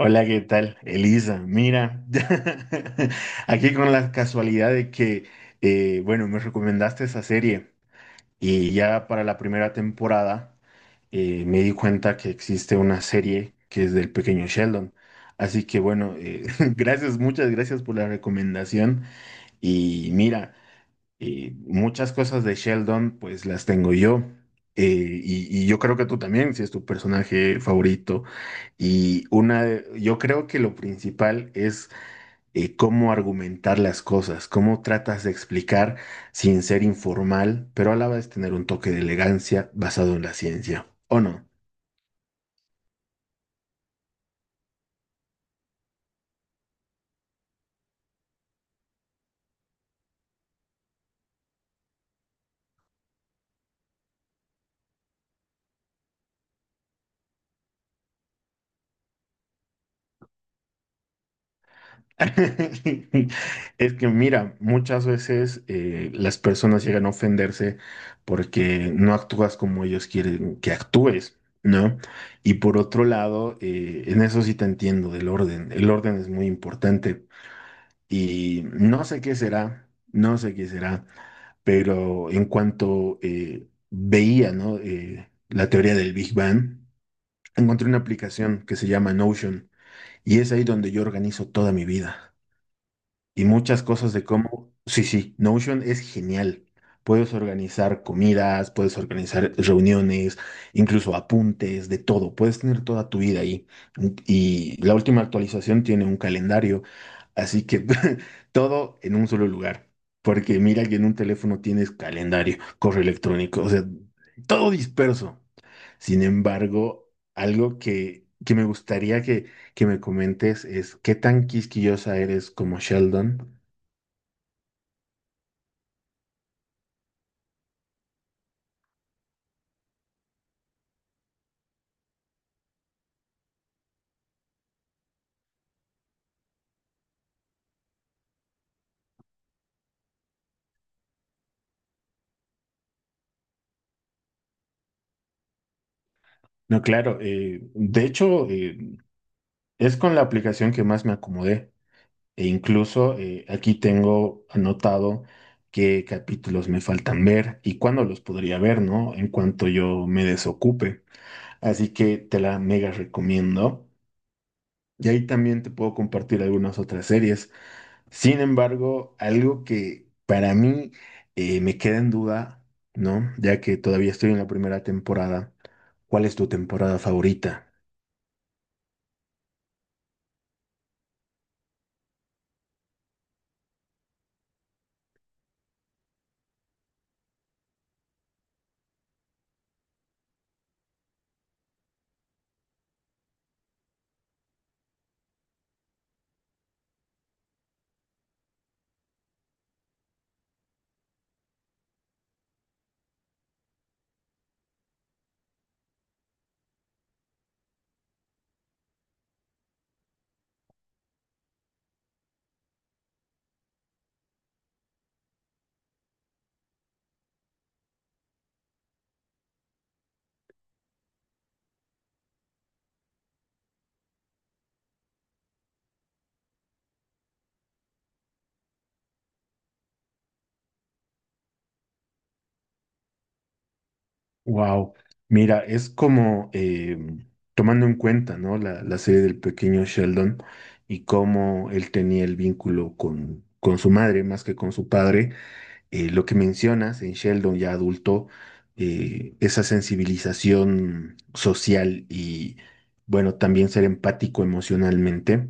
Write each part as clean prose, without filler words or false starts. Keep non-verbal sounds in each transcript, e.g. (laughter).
Hola, ¿qué tal? Elisa, mira, (laughs) aquí con la casualidad de que, bueno, me recomendaste esa serie y ya para la primera temporada me di cuenta que existe una serie que es del pequeño Sheldon. Así que bueno, (laughs) gracias, muchas gracias por la recomendación y mira. Y muchas cosas de Sheldon, pues las tengo yo. Y yo creo que tú también, si es tu personaje favorito. Y una, yo creo que lo principal es cómo argumentar las cosas, cómo tratas de explicar sin ser informal, pero a la vez tener un toque de elegancia basado en la ciencia, ¿o no? (laughs) Es que mira, muchas veces las personas llegan a ofenderse porque no actúas como ellos quieren que actúes, ¿no? Y por otro lado, en eso sí te entiendo del orden. El orden es muy importante y no sé qué será, no sé qué será, pero en cuanto veía, ¿no? La teoría del Big Bang, encontré una aplicación que se llama Notion y es ahí donde yo organizo toda mi vida y muchas cosas de cómo. Sí, sí, Notion es genial. Puedes organizar comidas, puedes organizar reuniones, incluso apuntes, de todo. Puedes tener toda tu vida ahí. Y la última actualización tiene un calendario, así que (laughs) todo en un solo lugar. Porque mira que en un teléfono tienes calendario, correo electrónico, o sea, todo disperso. Sin embargo, algo que me gustaría que me comentes es qué tan quisquillosa eres como Sheldon. No, claro. De hecho, es con la aplicación que más me acomodé. E incluso aquí tengo anotado qué capítulos me faltan ver y cuándo los podría ver, ¿no? En cuanto yo me desocupe. Así que te la mega recomiendo. Y ahí también te puedo compartir algunas otras series. Sin embargo, algo que para mí me queda en duda, ¿no? Ya que todavía estoy en la primera temporada, ¿cuál es tu temporada favorita? Wow, mira, es como tomando en cuenta, ¿no? La serie del pequeño Sheldon y cómo él tenía el vínculo con su madre más que con su padre. Lo que mencionas en Sheldon ya adulto, esa sensibilización social y, bueno, también ser empático emocionalmente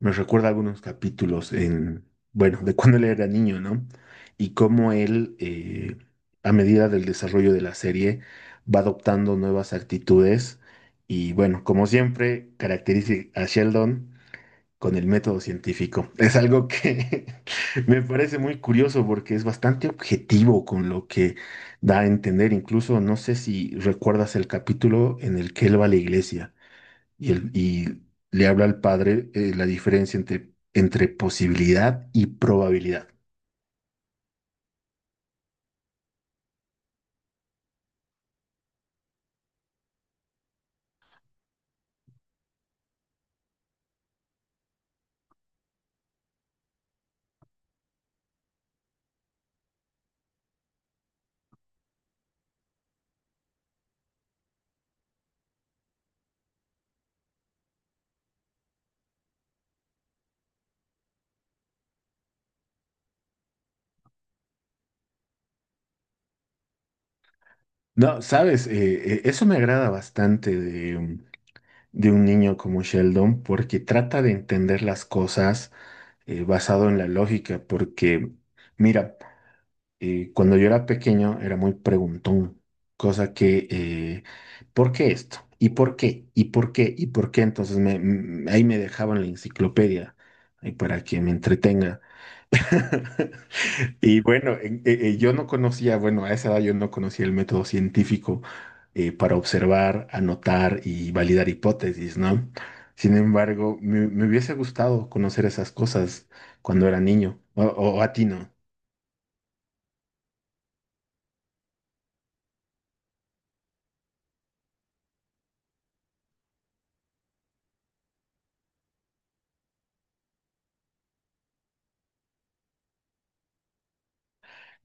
me recuerda algunos capítulos en, bueno, de cuando él era niño, ¿no? Y cómo él, a medida del desarrollo de la serie, va adoptando nuevas actitudes y, bueno, como siempre, caracteriza a Sheldon con el método científico. (laughs) Es algo que (laughs) me parece muy curioso porque es bastante objetivo con lo que da a entender. Incluso, no sé si recuerdas el capítulo en el que él va a la iglesia. Y, y le habla al padre la diferencia entre, entre posibilidad y probabilidad. No, sabes, eso me agrada bastante de, de un niño como Sheldon porque trata de entender las cosas basado en la lógica, porque mira, cuando yo era pequeño era muy preguntón, cosa que, ¿por qué esto? ¿Y por qué? ¿Y por qué? ¿Y por qué? Entonces me, ahí me dejaban la enciclopedia ahí para que me entretenga. (laughs) Y bueno, yo no conocía, bueno, a esa edad yo no conocía el método científico para observar, anotar y validar hipótesis, ¿no? Sin embargo, me hubiese gustado conocer esas cosas cuando era niño, o a ti no.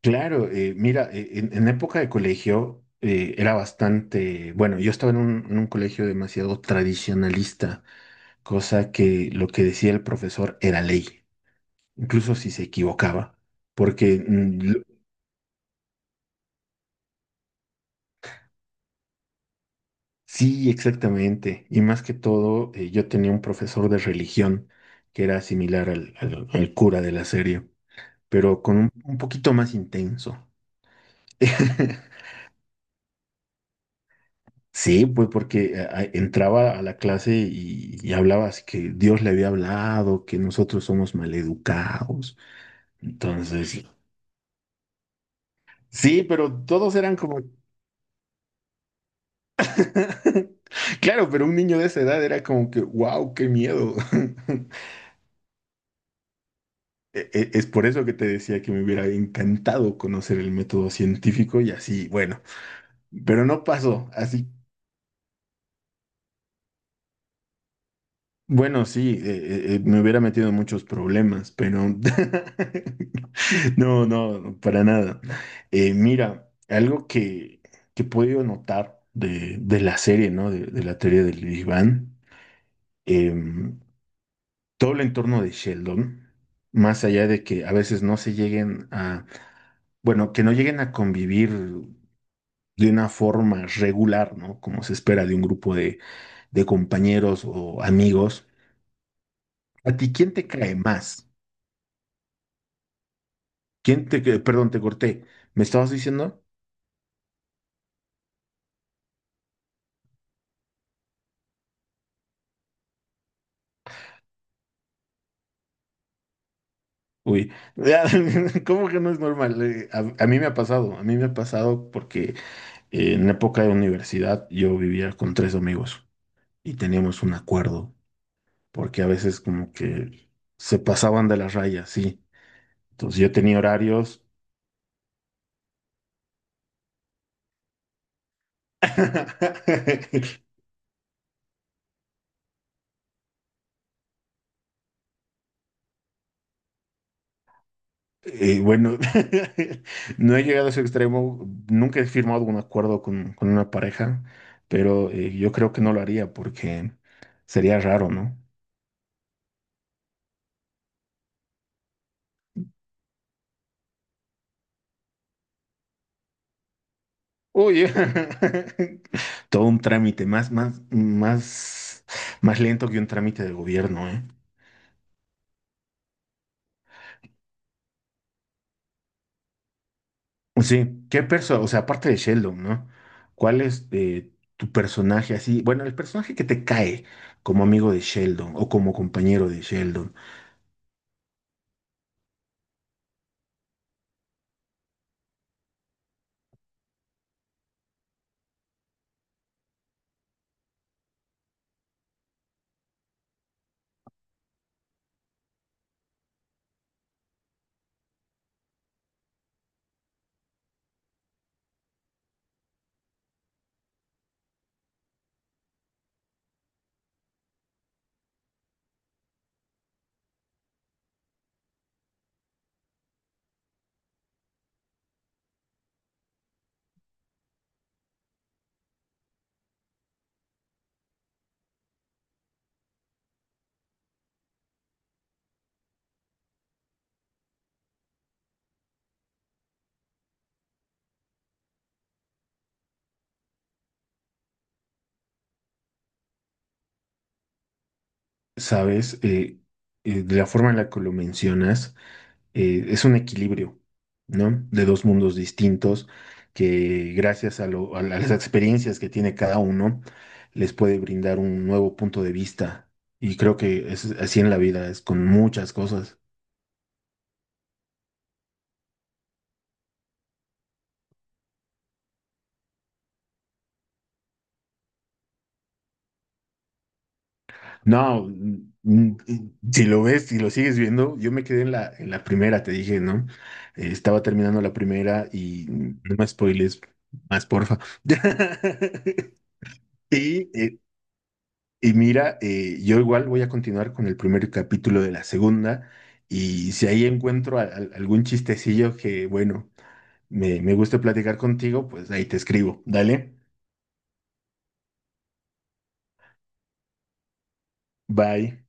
Claro, mira, en época de colegio era bastante, bueno, yo estaba en en un colegio demasiado tradicionalista, cosa que lo que decía el profesor era ley, incluso si se equivocaba porque sí, exactamente. Y más que todo, yo tenía un profesor de religión que era similar al cura de la serie, pero con un poquito más intenso. (laughs) Sí, pues porque entraba a la clase y hablaba así que Dios le había hablado, que nosotros somos maleducados. Entonces, sí, pero todos eran como, (laughs) claro, pero un niño de esa edad era como que, wow, qué miedo. (laughs) Es por eso que te decía que me hubiera encantado conocer el método científico y así, bueno, pero no pasó, así, bueno, sí, me hubiera metido en muchos problemas, pero (laughs) no, no, para nada. Mira, algo que he podido notar de la serie, ¿no? De la teoría del Big Bang, em, todo el entorno de Sheldon, más allá de que a veces no se lleguen a, bueno, que no lleguen a convivir de una forma regular, ¿no? Como se espera de un grupo de compañeros o amigos. ¿A ti quién te cae más? ¿Quién te, perdón, te corté. ¿Me estabas diciendo? Uy, (laughs) ¿cómo que no es normal? A mí me ha pasado, a mí me ha pasado porque en época de universidad yo vivía con tres amigos y teníamos un acuerdo, porque a veces como que se pasaban de las rayas, sí. Entonces yo tenía horarios. (laughs) Bueno, (laughs) no he llegado a ese extremo, nunca he firmado un acuerdo con una pareja, pero yo creo que no lo haría porque sería raro, ¿no? Oye, (laughs) todo un trámite, más, más, más, más lento que un trámite de gobierno, ¿eh? Sí, ¿qué persona, o sea, aparte de Sheldon, ¿no? ¿Cuál es tu personaje así? Bueno, el personaje que te cae como amigo de Sheldon o como compañero de Sheldon. Sabes, de la forma en la que lo mencionas, es un equilibrio, ¿no? De dos mundos distintos que gracias a, a las experiencias que tiene cada uno, les puede brindar un nuevo punto de vista. Y creo que es así en la vida, es con muchas cosas. No, mm, mm, si lo ves, si lo sigues viendo, yo me quedé en la primera, te dije, ¿no? Estaba terminando la primera y mm, no me spoiles más, porfa. (laughs) Y y mira, yo igual voy a continuar con el primer capítulo de la segunda y si ahí encuentro algún chistecillo que, bueno, me guste platicar contigo, pues ahí te escribo. Dale, bye.